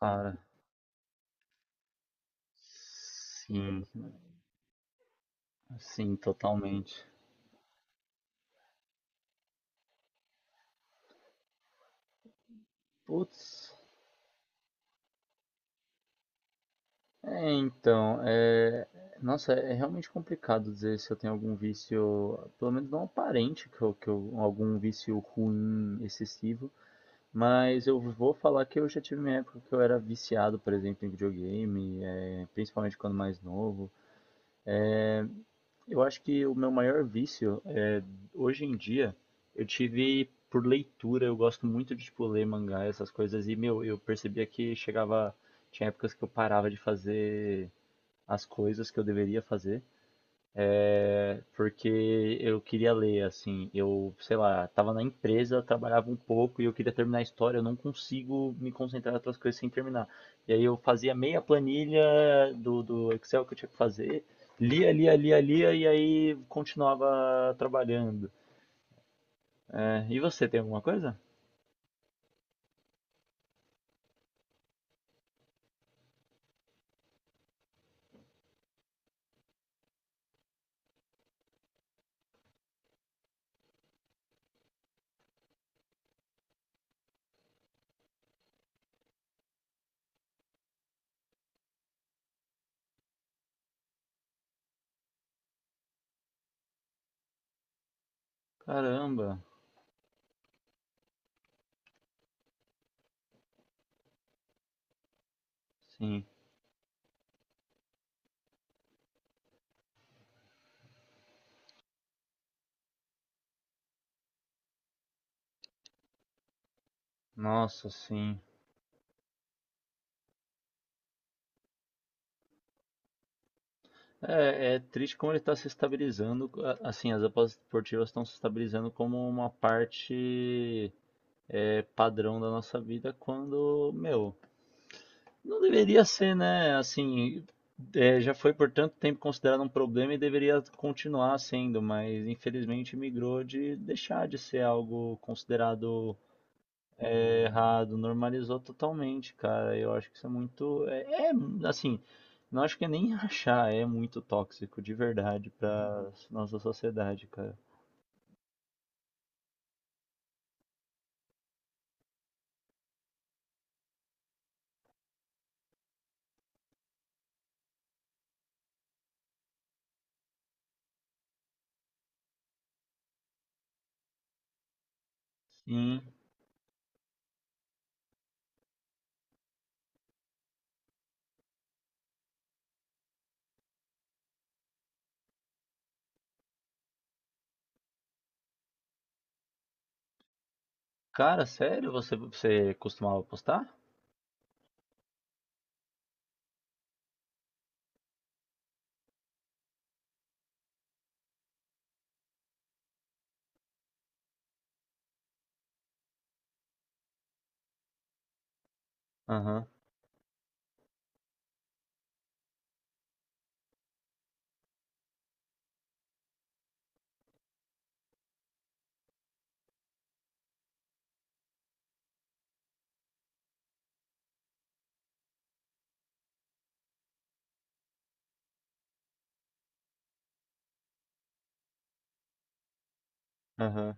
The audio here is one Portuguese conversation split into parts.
Cara, sim, sim, totalmente. Putz, é, então, é, nossa, é realmente complicado dizer se eu tenho algum vício, pelo menos não aparente, algum vício ruim, excessivo, mas eu vou falar que eu já tive minha época que eu era viciado, por exemplo, em videogame, principalmente quando mais novo. Eu acho que o meu maior vício hoje em dia, eu tive por leitura, eu gosto muito de tipo ler mangá, essas coisas e meu, eu percebia que chegava tinha épocas que eu parava de fazer as coisas que eu deveria fazer, porque eu queria ler assim, eu, sei lá, tava na empresa, trabalhava um pouco e eu queria terminar a história, eu não consigo me concentrar em outras coisas sem terminar. E aí eu fazia meia planilha do Excel que eu tinha que fazer, lia, lia, lia, lia e aí continuava trabalhando. É, e você tem alguma coisa? Caramba, sim. Nossa, sim. É, é triste como ele está se estabilizando. Assim, as apostas esportivas estão se estabilizando como uma parte padrão da nossa vida, quando, meu, não deveria ser, né? Assim, já foi por tanto tempo considerado um problema e deveria continuar sendo, mas infelizmente migrou de deixar de ser algo considerado. É errado, normalizou totalmente, cara. Eu acho que isso é muito. É, assim, não acho que é nem achar, é muito tóxico, de verdade, pra nossa sociedade, cara. Sim. Cara, sério? Você costumava postar? Aham, aham.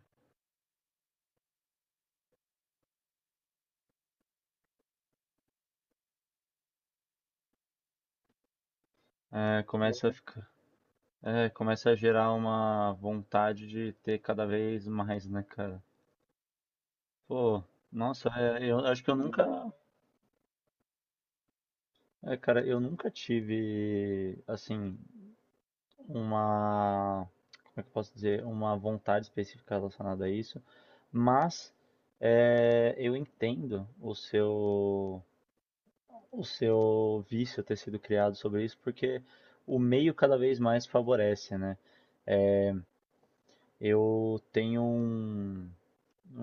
É, começa a ficar. É, começa a gerar uma vontade de ter cada vez mais, né, cara? Pô, nossa, é, eu acho que eu nunca. É, cara, eu nunca tive, assim, uma, como é que eu posso dizer, uma vontade específica relacionada a isso, mas é, eu entendo o seu vício ter sido criado sobre isso, porque o meio cada vez mais favorece, né? Eu tenho um,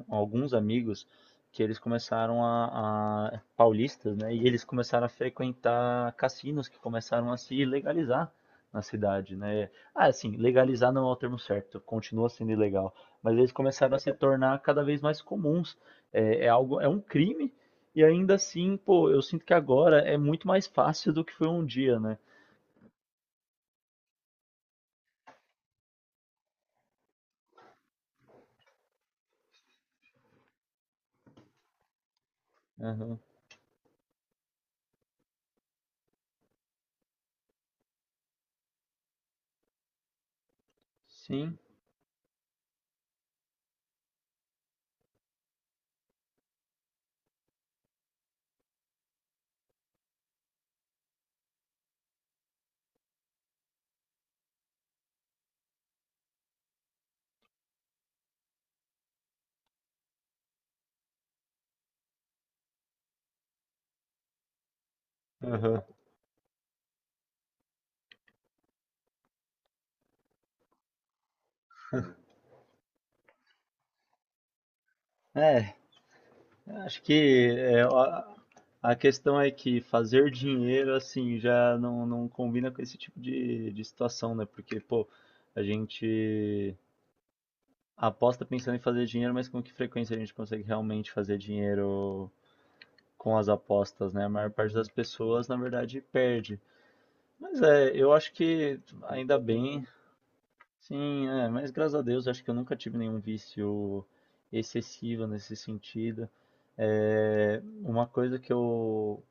alguns amigos que eles começaram a paulistas, né? E eles começaram a frequentar cassinos que começaram a se legalizar na cidade, né? Ah, assim, legalizar não é o termo certo, continua sendo ilegal, mas eles começaram a se tornar cada vez mais comuns. É, é algo, é um crime e ainda assim, pô, eu sinto que agora é muito mais fácil do que foi um dia, né? Aham. Sim. Aham. É, acho que é, ó, a questão é que fazer dinheiro assim já não, não combina com esse tipo de situação, né? Porque, pô, a gente aposta pensando em fazer dinheiro, mas com que frequência a gente consegue realmente fazer dinheiro com as apostas, né? A maior parte das pessoas, na verdade, perde. Mas é, eu acho que ainda bem, sim, é, mas graças a Deus, acho que eu nunca tive nenhum vício excessivo nesse sentido. É, uma coisa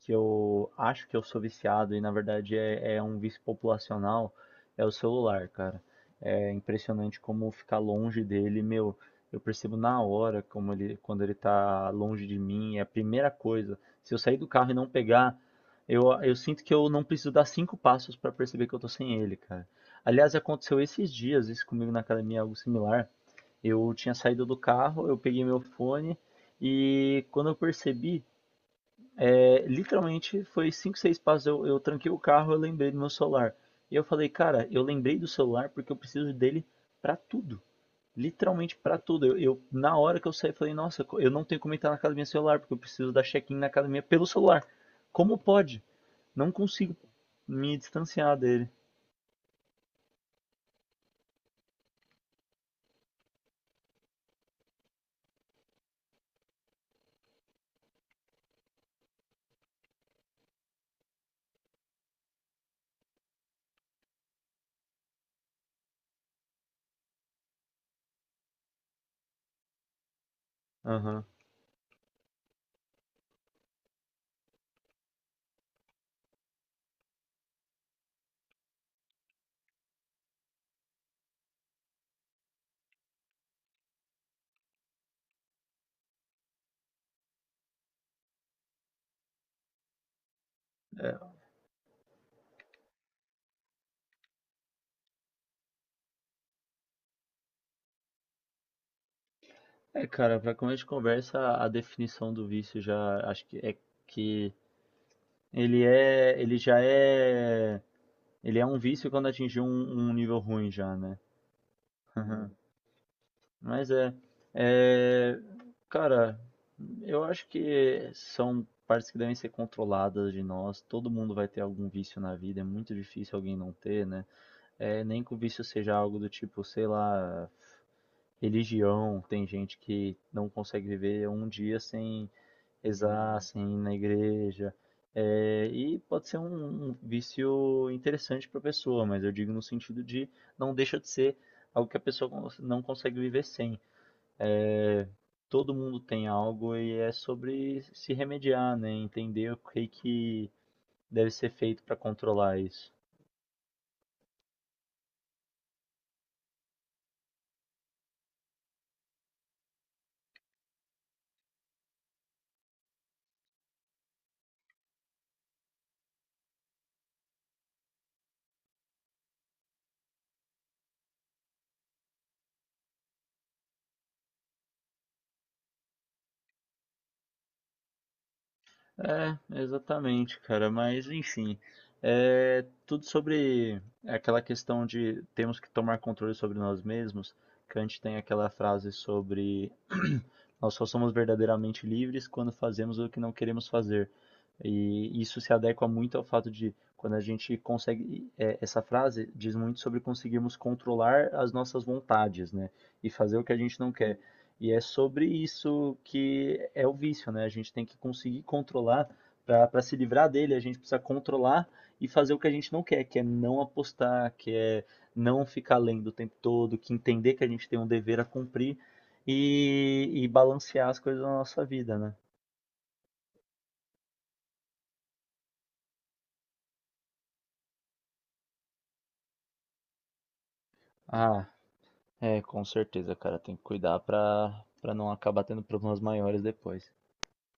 que eu acho que eu sou viciado e na verdade é, é um vício populacional, é o celular, cara. É impressionante como ficar longe dele, meu. Eu percebo na hora como ele, quando ele tá longe de mim, é a primeira coisa. Se eu sair do carro e não pegar, eu sinto que eu não preciso dar cinco passos para perceber que eu tô sem ele, cara. Aliás, aconteceu esses dias, isso comigo na academia, algo similar. Eu tinha saído do carro, eu peguei meu fone e quando eu percebi, é, literalmente foi 5, 6 passos. Eu tranquei o carro, eu lembrei do meu celular. E eu falei, cara, eu lembrei do celular porque eu preciso dele pra tudo. Literalmente pra tudo. Na hora que eu saí, falei, nossa, eu não tenho como entrar na academia celular porque eu preciso dar check-in na academia pelo celular. Como pode? Não consigo me distanciar dele. Aham. É, é, cara, pra começo de conversa, a definição do vício já acho que é que ele é, ele já é. Ele é um vício quando atingiu um, um nível ruim já, né? Mas é, cara, eu acho que são partes que devem ser controladas de nós. Todo mundo vai ter algum vício na vida, é muito difícil alguém não ter, né? É, nem que o vício seja algo do tipo, sei lá, religião. Tem gente que não consegue viver um dia sem. Exassem, na igreja. Eh, e pode ser um, um vício interessante para a pessoa, mas eu digo no sentido de não deixa de ser algo que a pessoa não consegue viver sem. Eh, todo mundo tem algo e é sobre se remediar, né? Entender o que que deve ser feito para controlar isso. É, exatamente, cara. Mas enfim, é tudo sobre aquela questão de temos que tomar controle sobre nós mesmos. Kant tem aquela frase sobre nós só somos verdadeiramente livres quando fazemos o que não queremos fazer. E isso se adequa muito ao fato de quando a gente consegue. É, essa frase diz muito sobre conseguirmos controlar as nossas vontades, né? E fazer o que a gente não quer. E é sobre isso que é o vício, né? A gente tem que conseguir controlar, para se livrar dele, a gente precisa controlar e fazer o que a gente não quer, que é não apostar, que é não ficar lendo o tempo todo, que entender que a gente tem um dever a cumprir e balancear as coisas na nossa vida, né? Ah, é, com certeza, cara, tem que cuidar para para não acabar tendo problemas maiores depois.